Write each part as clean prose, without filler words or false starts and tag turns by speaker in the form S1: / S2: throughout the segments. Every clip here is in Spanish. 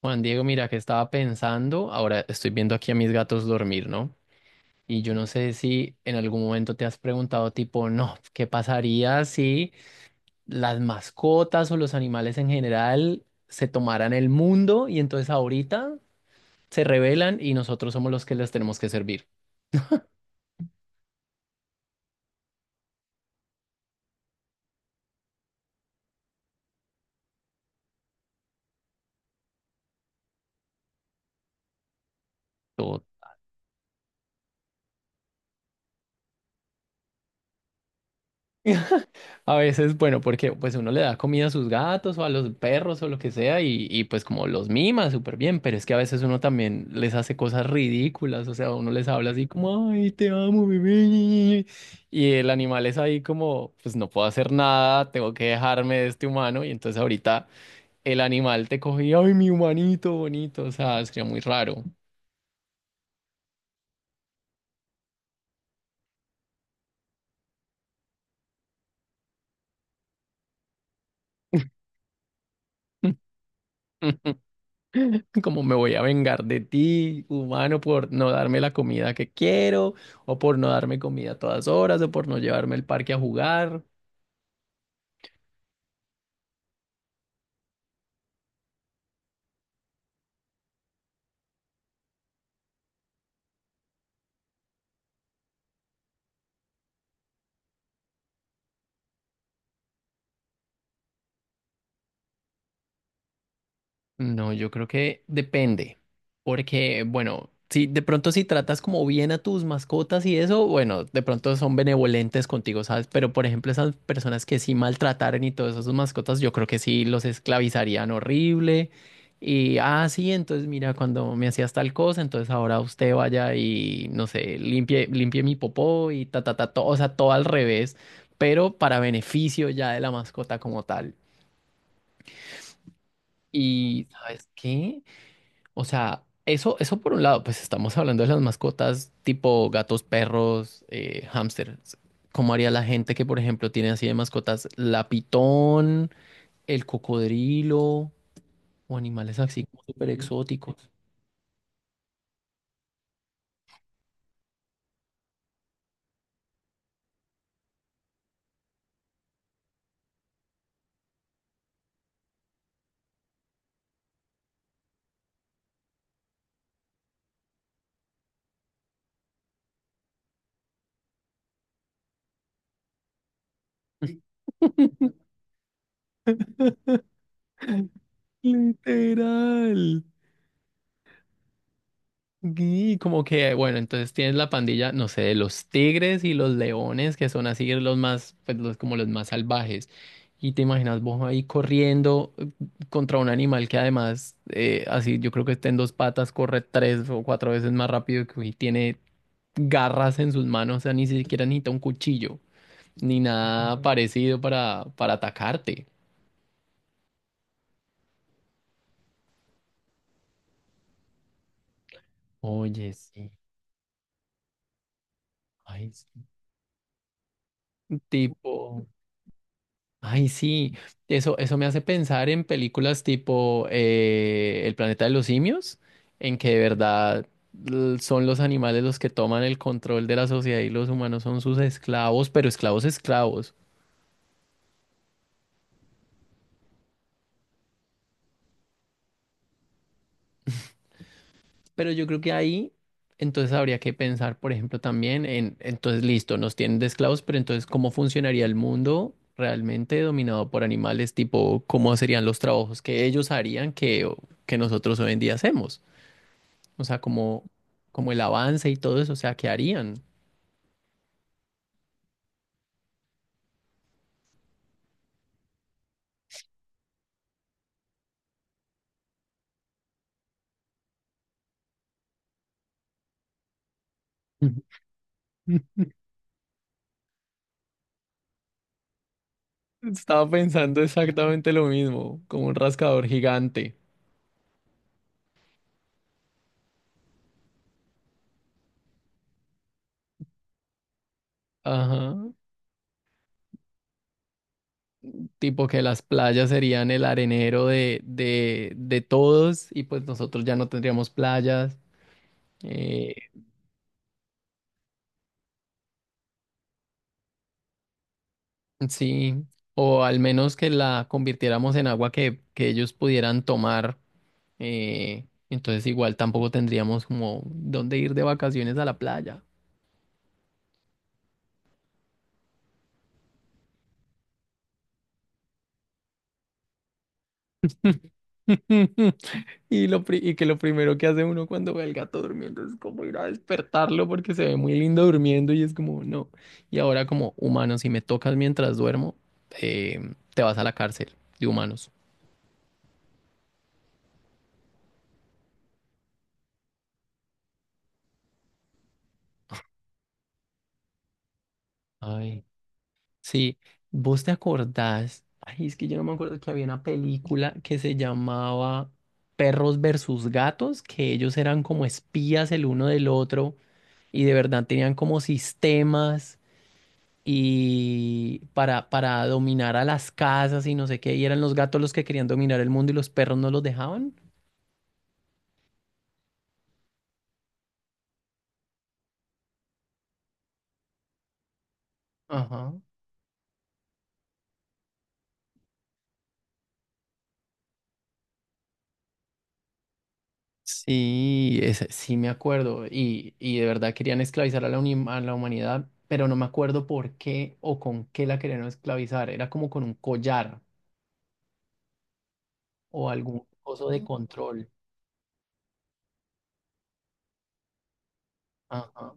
S1: Juan Diego, mira que estaba pensando, ahora estoy viendo aquí a mis gatos dormir, ¿no? Y yo no sé si en algún momento te has preguntado tipo, no, ¿qué pasaría si las mascotas o los animales en general se tomaran el mundo y entonces ahorita se rebelan y nosotros somos los que les tenemos que servir? A veces, bueno, porque pues uno le da comida a sus gatos o a los perros o lo que sea y pues como los mima súper bien, pero es que a veces uno también les hace cosas ridículas, o sea, uno les habla así como, ay, te amo, bebé, y el animal es ahí como, pues no puedo hacer nada, tengo que dejarme de este humano y entonces ahorita el animal te coge y, ay, mi humanito bonito, o sea, sería muy raro. Como me voy a vengar de ti, humano, por no darme la comida que quiero, o por no darme comida a todas horas, o por no llevarme al parque a jugar. No, yo creo que depende, porque bueno, si de pronto si tratas como bien a tus mascotas y eso, bueno, de pronto son benevolentes contigo, ¿sabes? Pero por ejemplo, esas personas que sí maltrataran y todas esas mascotas, yo creo que sí los esclavizarían horrible. Y, ah, sí, entonces mira, cuando me hacías tal cosa, entonces ahora usted vaya y, no sé, limpie mi popó y ta, ta, ta, todo, o sea, todo al revés, pero para beneficio ya de la mascota como tal. ¿Y sabes qué? O sea, eso por un lado, pues estamos hablando de las mascotas tipo gatos, perros, hámsters. ¿Cómo haría la gente que, por ejemplo, tiene así de mascotas la pitón, el cocodrilo o animales así como súper exóticos? Literal. Y como que, bueno, entonces tienes la pandilla, no sé, de los tigres y los leones, que son así los más, pues los, como los más salvajes. Y te imaginas vos ahí corriendo contra un animal que además, así yo creo que está en dos patas, corre tres o cuatro veces más rápido que y tiene garras en sus manos, o sea, ni siquiera necesita un cuchillo, ni nada parecido para atacarte. Oye, sí, ay, es tipo. Ay, sí, eso me hace pensar en películas tipo El planeta de los simios, en que de verdad son los animales los que toman el control de la sociedad y los humanos son sus esclavos, pero esclavos esclavos. Pero yo creo que ahí entonces habría que pensar, por ejemplo, también en, entonces listo, nos tienen de esclavos, pero entonces ¿cómo funcionaría el mundo realmente dominado por animales? Tipo, ¿cómo serían los trabajos que ellos harían que nosotros hoy en día hacemos? O sea, como, como el avance y todo eso, o sea, ¿qué harían? Estaba pensando exactamente lo mismo, como un rascador gigante. Ajá. Tipo que las playas serían el arenero de todos y pues nosotros ya no tendríamos playas. Eh, sí. O al menos que la convirtiéramos en agua que ellos pudieran tomar. Entonces igual tampoco tendríamos como dónde ir de vacaciones a la playa. Y, y que lo primero que hace uno cuando ve al gato durmiendo es como ir a despertarlo porque se ve muy lindo durmiendo y es como, no. Y ahora como humano, si me tocas mientras duermo, te vas a la cárcel de humanos. Ay, sí, vos te acordás, ay, es que yo no me acuerdo que había una película que se llamaba Perros versus Gatos, que ellos eran como espías el uno del otro y de verdad tenían como sistemas. Y para dominar a las casas y no sé qué, y eran los gatos los que querían dominar el mundo y los perros no los dejaban. Ajá. Sí, sí me acuerdo, y de verdad querían esclavizar a la, a la humanidad, pero no me acuerdo por qué o con qué la querían esclavizar, era como con un collar o algún coso de control. Ajá.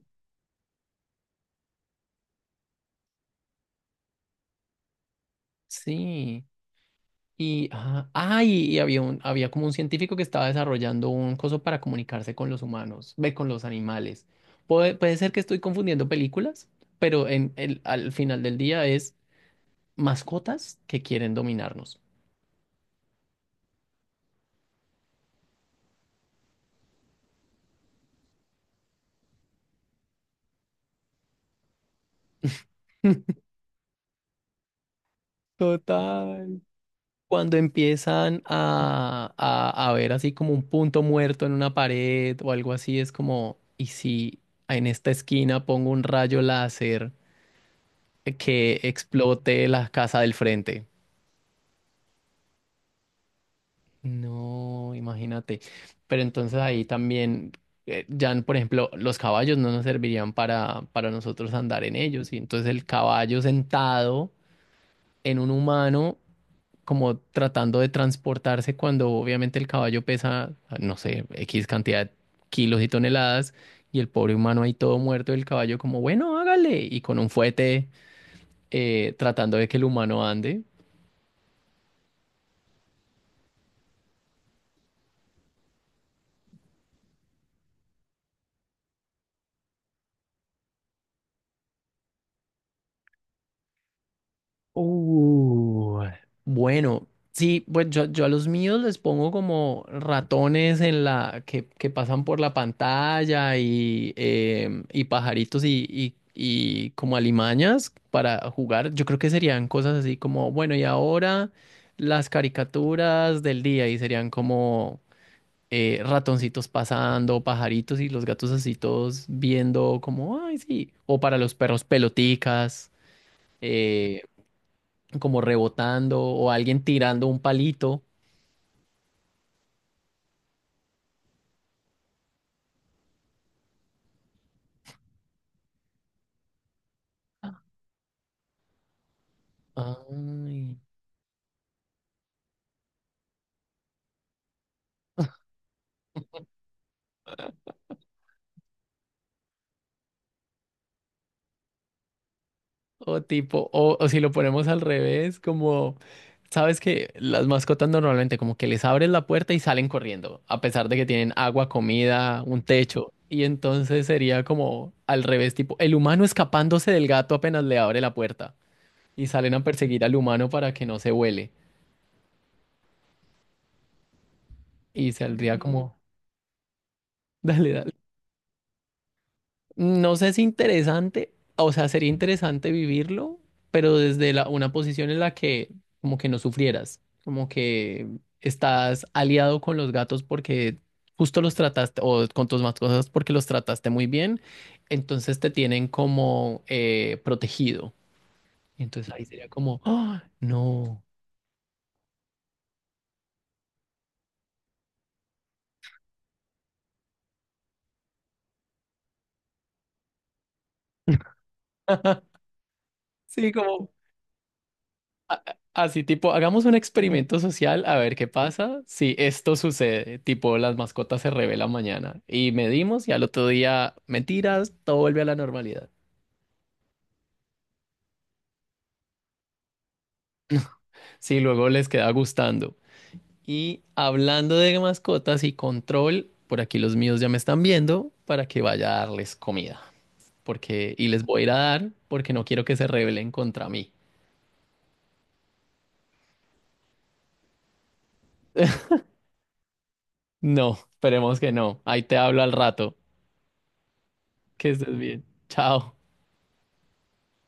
S1: Sí. Y, y había un, había como un científico que estaba desarrollando un coso para comunicarse con los humanos, ve, con los animales. Puede ser que estoy confundiendo películas, pero en el, al final del día es mascotas que quieren dominarnos. Total. Cuando empiezan a ver así como un punto muerto en una pared o algo así, es como, ¿y si en esta esquina pongo un rayo láser que explote la casa del frente? No, imagínate. Pero entonces ahí también, ya por ejemplo, los caballos no nos servirían para nosotros andar en ellos. Y entonces el caballo sentado en un humano, como tratando de transportarse cuando obviamente el caballo pesa, no sé, X cantidad de kilos y toneladas, y el pobre humano ahí todo muerto, y el caballo como, bueno, hágale, y con un fuete tratando de que el humano ande. Uh, bueno, sí, pues yo a los míos les pongo como ratones en la que pasan por la pantalla y y pajaritos y y como alimañas para jugar. Yo creo que serían cosas así como, bueno, y ahora las caricaturas del día y serían como ratoncitos pasando, pajaritos y los gatos así todos viendo como, ay, sí, o para los perros peloticas. eh, como rebotando o alguien tirando un palito. Ay. O tipo, o si lo ponemos al revés, como, sabes que las mascotas normalmente como que les abres la puerta y salen corriendo, a pesar de que tienen agua, comida, un techo. Y entonces sería como al revés, tipo, el humano escapándose del gato apenas le abre la puerta y salen a perseguir al humano para que no se vuele. Y saldría como, dale. No sé si interesante, o sea, sería interesante vivirlo, pero desde la, una posición en la que como que no sufrieras, como que estás aliado con los gatos porque justo los trataste, o con tus mascotas porque los trataste muy bien, entonces te tienen como protegido. Entonces ahí sería como, ¡ah, no! Sí, como a- así tipo, hagamos un experimento social a ver qué pasa si esto sucede, tipo las mascotas se revelan mañana y medimos y al otro día, mentiras, todo vuelve a la normalidad. Si luego les queda gustando. Y hablando de mascotas y control, por aquí los míos ya me están viendo para que vaya a darles comida, porque y les voy a ir a dar porque no quiero que se rebelen contra mí. No, esperemos que no. Ahí te hablo al rato. Que estés bien. Chao.